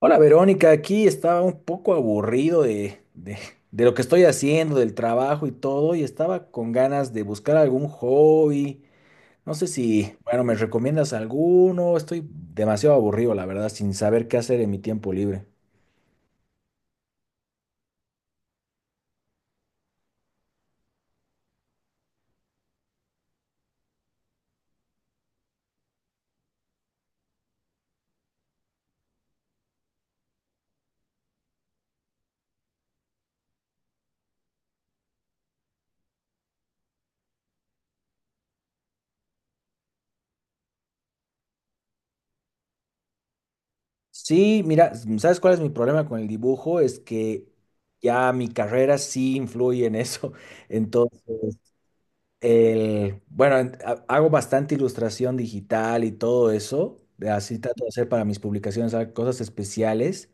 Hola Verónica, aquí estaba un poco aburrido de lo que estoy haciendo, del trabajo y todo, y estaba con ganas de buscar algún hobby. No sé si, bueno, me recomiendas alguno. Estoy demasiado aburrido, la verdad, sin saber qué hacer en mi tiempo libre. Sí, mira, ¿sabes cuál es mi problema con el dibujo? Es que ya mi carrera sí influye en eso. Entonces, El, bueno, en- ha- hago bastante ilustración digital y todo eso. Así trato de hacer para mis publicaciones cosas especiales.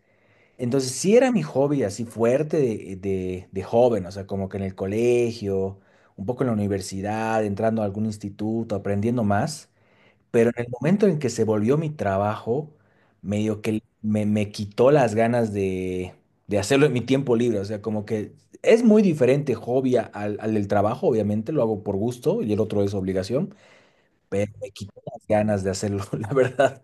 Entonces, sí era mi hobby así fuerte de joven, o sea, como que en el colegio, un poco en la universidad, entrando a algún instituto, aprendiendo más. Pero en el momento en que se volvió mi trabajo, medio que me quitó las ganas de hacerlo en mi tiempo libre. O sea, como que es muy diferente hobby al del trabajo, obviamente, lo hago por gusto y el otro es obligación, pero me quitó las ganas de hacerlo, la verdad.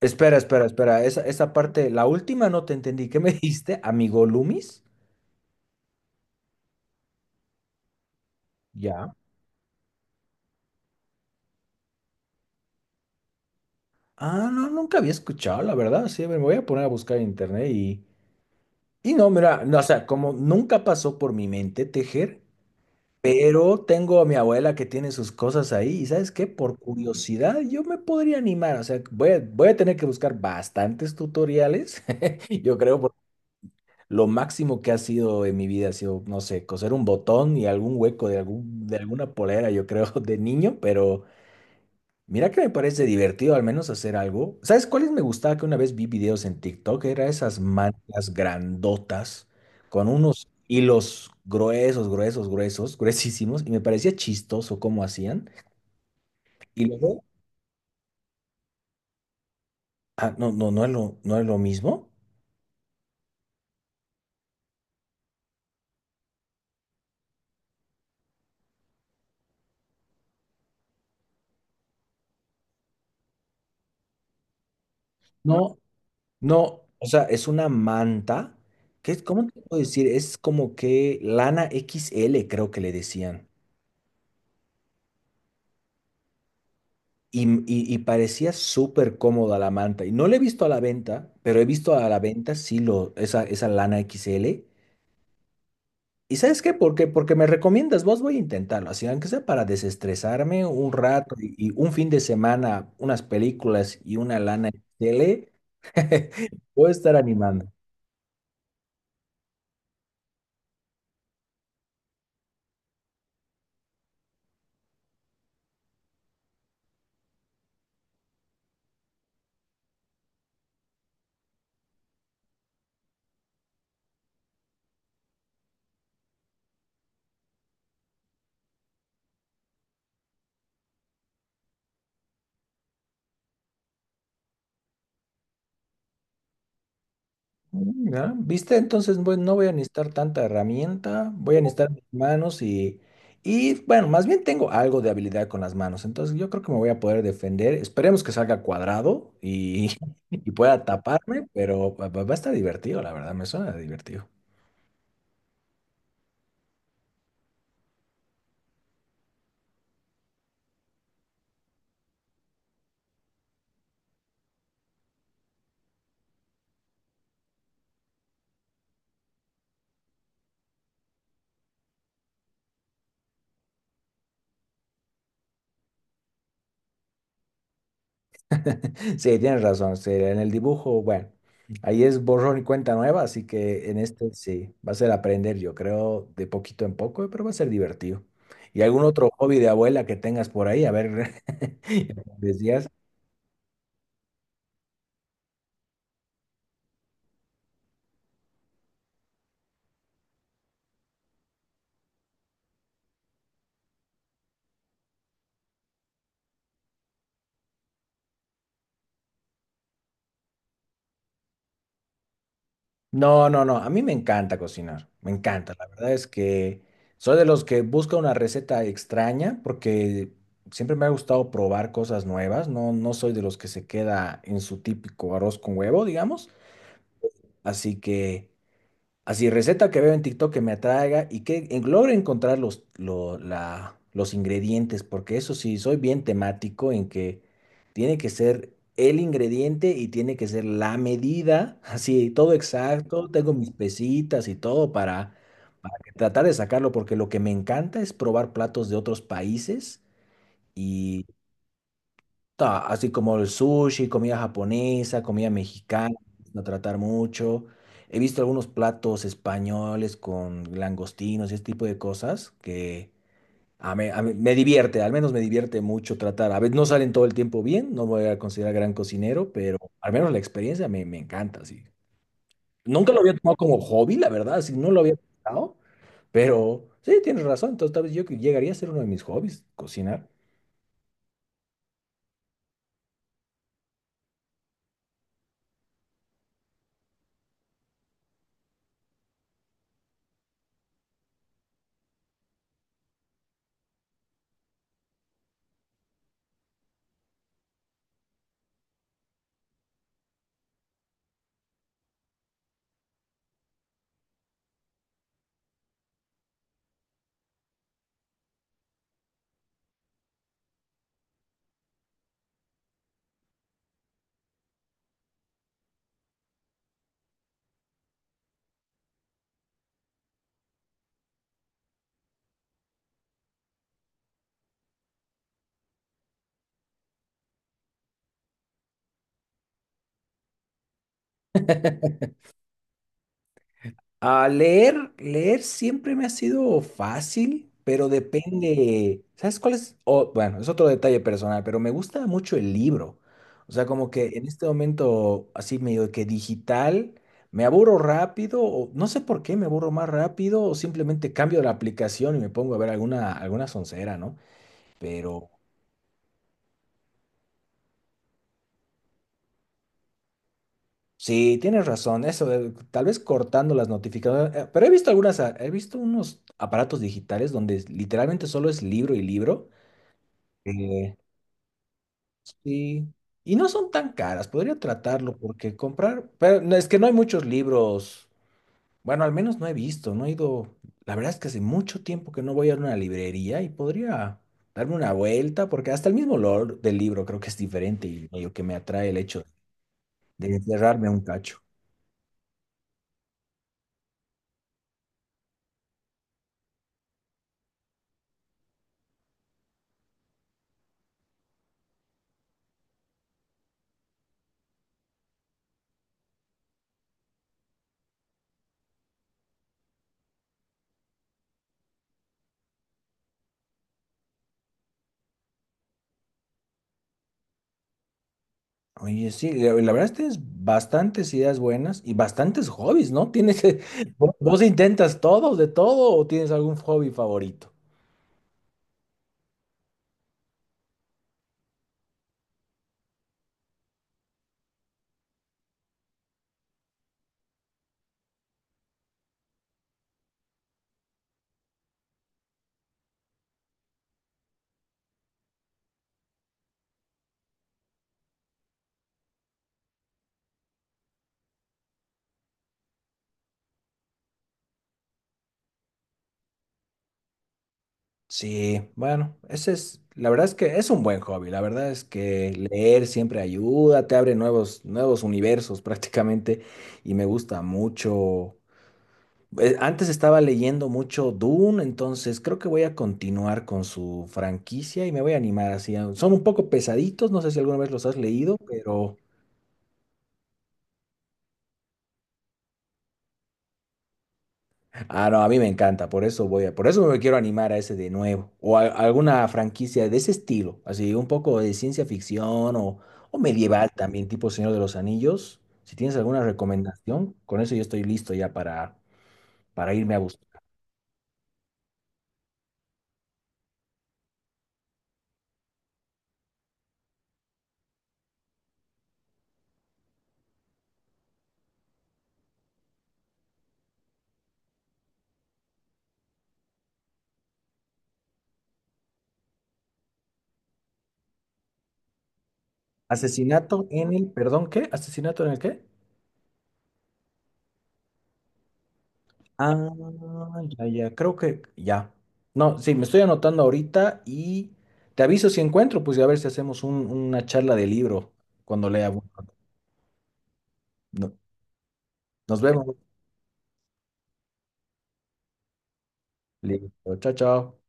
Espera, espera, espera. Esa parte, la última no te entendí. ¿Qué me dijiste, amigo Loomis? Ya. Ah, no, nunca había escuchado, la verdad. Sí, me voy a poner a buscar en internet y... Y no, mira, no, o sea, como nunca pasó por mi mente tejer. Pero tengo a mi abuela que tiene sus cosas ahí y ¿sabes qué? Por curiosidad yo me podría animar, o sea, voy a tener que buscar bastantes tutoriales, yo creo, porque lo máximo que ha sido en mi vida ha sido, no sé, coser un botón y algún hueco de alguna polera, yo creo, de niño, pero mira que me parece divertido al menos hacer algo. ¿Sabes cuáles me gustaba que una vez vi videos en TikTok? Era esas mantas grandotas con unos hilos gruesos, gruesos, gruesos, gruesísimos y me parecía chistoso cómo hacían. Y luego, ah, no, no, no es lo mismo. No, no, o sea, es una manta que es, ¿cómo te puedo decir? Es como que lana XL creo que le decían. Y parecía súper cómoda la manta. Y no la he visto a la venta, pero he visto a la venta esa lana XL. ¿Y sabes qué? Porque me recomiendas, vos voy a intentarlo, así aunque sea para desestresarme un rato y un fin de semana, unas películas y una lana XL, voy a estar animando. Mm, ya. ¿Viste? Entonces, bueno, no voy a necesitar tanta herramienta, voy a necesitar mis manos bueno, más bien tengo algo de habilidad con las manos, entonces yo creo que me voy a poder defender. Esperemos que salga cuadrado y, y pueda taparme, pero va a estar divertido, la verdad, me suena divertido. Sí, tienes razón. Sí, en el dibujo, bueno, ahí es borrón y cuenta nueva, así que en este sí, va a ser aprender, yo creo, de poquito en poco, pero va a ser divertido. ¿Y algún otro hobby de abuela que tengas por ahí? A ver, decías. No, no, no, a mí me encanta cocinar, me encanta. La verdad es que soy de los que busca una receta extraña porque siempre me ha gustado probar cosas nuevas, no, no soy de los que se queda en su típico arroz con huevo, digamos. Así que... Así, receta que veo en TikTok que me atraiga y que logre encontrar los ingredientes, porque eso sí, soy bien temático en que tiene que ser el ingrediente y tiene que ser la medida, así, todo exacto, tengo mis pesitas y todo para que tratar de sacarlo, porque lo que me encanta es probar platos de otros países y ta, así como el sushi, comida japonesa, comida mexicana, no tratar mucho. He visto algunos platos españoles con langostinos y ese tipo de cosas que a mí me divierte, al menos me divierte mucho tratar. A veces no salen todo el tiempo bien, no voy a considerar gran cocinero, pero al menos la experiencia me encanta, sí. Nunca lo había tomado como hobby, la verdad, así no lo había pensado, pero sí, tienes razón. Entonces, tal vez yo que llegaría a ser uno de mis hobbies, cocinar. A leer, leer siempre me ha sido fácil, pero depende. ¿Sabes cuál es? Oh, bueno, es otro detalle personal, pero me gusta mucho el libro. O sea, como que en este momento, así medio que digital, me aburro rápido, o no sé por qué me aburro más rápido, o simplemente cambio la aplicación y me pongo a ver alguna soncera, ¿no? Pero sí, tienes razón, eso, tal vez cortando las notificaciones. Pero he visto algunas, ah, he visto unos aparatos digitales donde literalmente solo es libro y libro. Eh, sí. Y no son tan caras, podría tratarlo porque comprar, pero no, es que no hay muchos libros, bueno, al menos no he visto, no he ido, la verdad es que hace mucho tiempo que no voy a una librería y podría darme una vuelta porque hasta el mismo olor del libro creo que es diferente y medio que me atrae el hecho de encerrarme un cacho. Oye, sí, la verdad es que tienes bastantes ideas buenas y bastantes hobbies, ¿no? Tienes, ¿vos intentas todo, de todo o tienes algún hobby favorito? Sí, bueno, ese es, la verdad es que es un buen hobby, la verdad es que leer siempre ayuda, te abre nuevos universos prácticamente y me gusta mucho. Antes estaba leyendo mucho Dune, entonces creo que voy a continuar con su franquicia y me voy a animar así. Son un poco pesaditos, no sé si alguna vez los has leído, pero ah, no, a mí me encanta, por eso por eso me quiero animar a ese de nuevo, o alguna franquicia de ese estilo, así un poco de ciencia ficción o medieval también, tipo Señor de los Anillos. Si tienes alguna recomendación, con eso yo estoy listo ya para irme a buscar. Asesinato en el, perdón, ¿qué? ¿Asesinato en el qué? Ah, ya, ya, creo que ya. No, sí, me estoy anotando ahorita y te aviso si encuentro, pues y a ver si hacemos una charla de libro cuando lea. Uno. No- nos vemos. Listo. Chao, chao.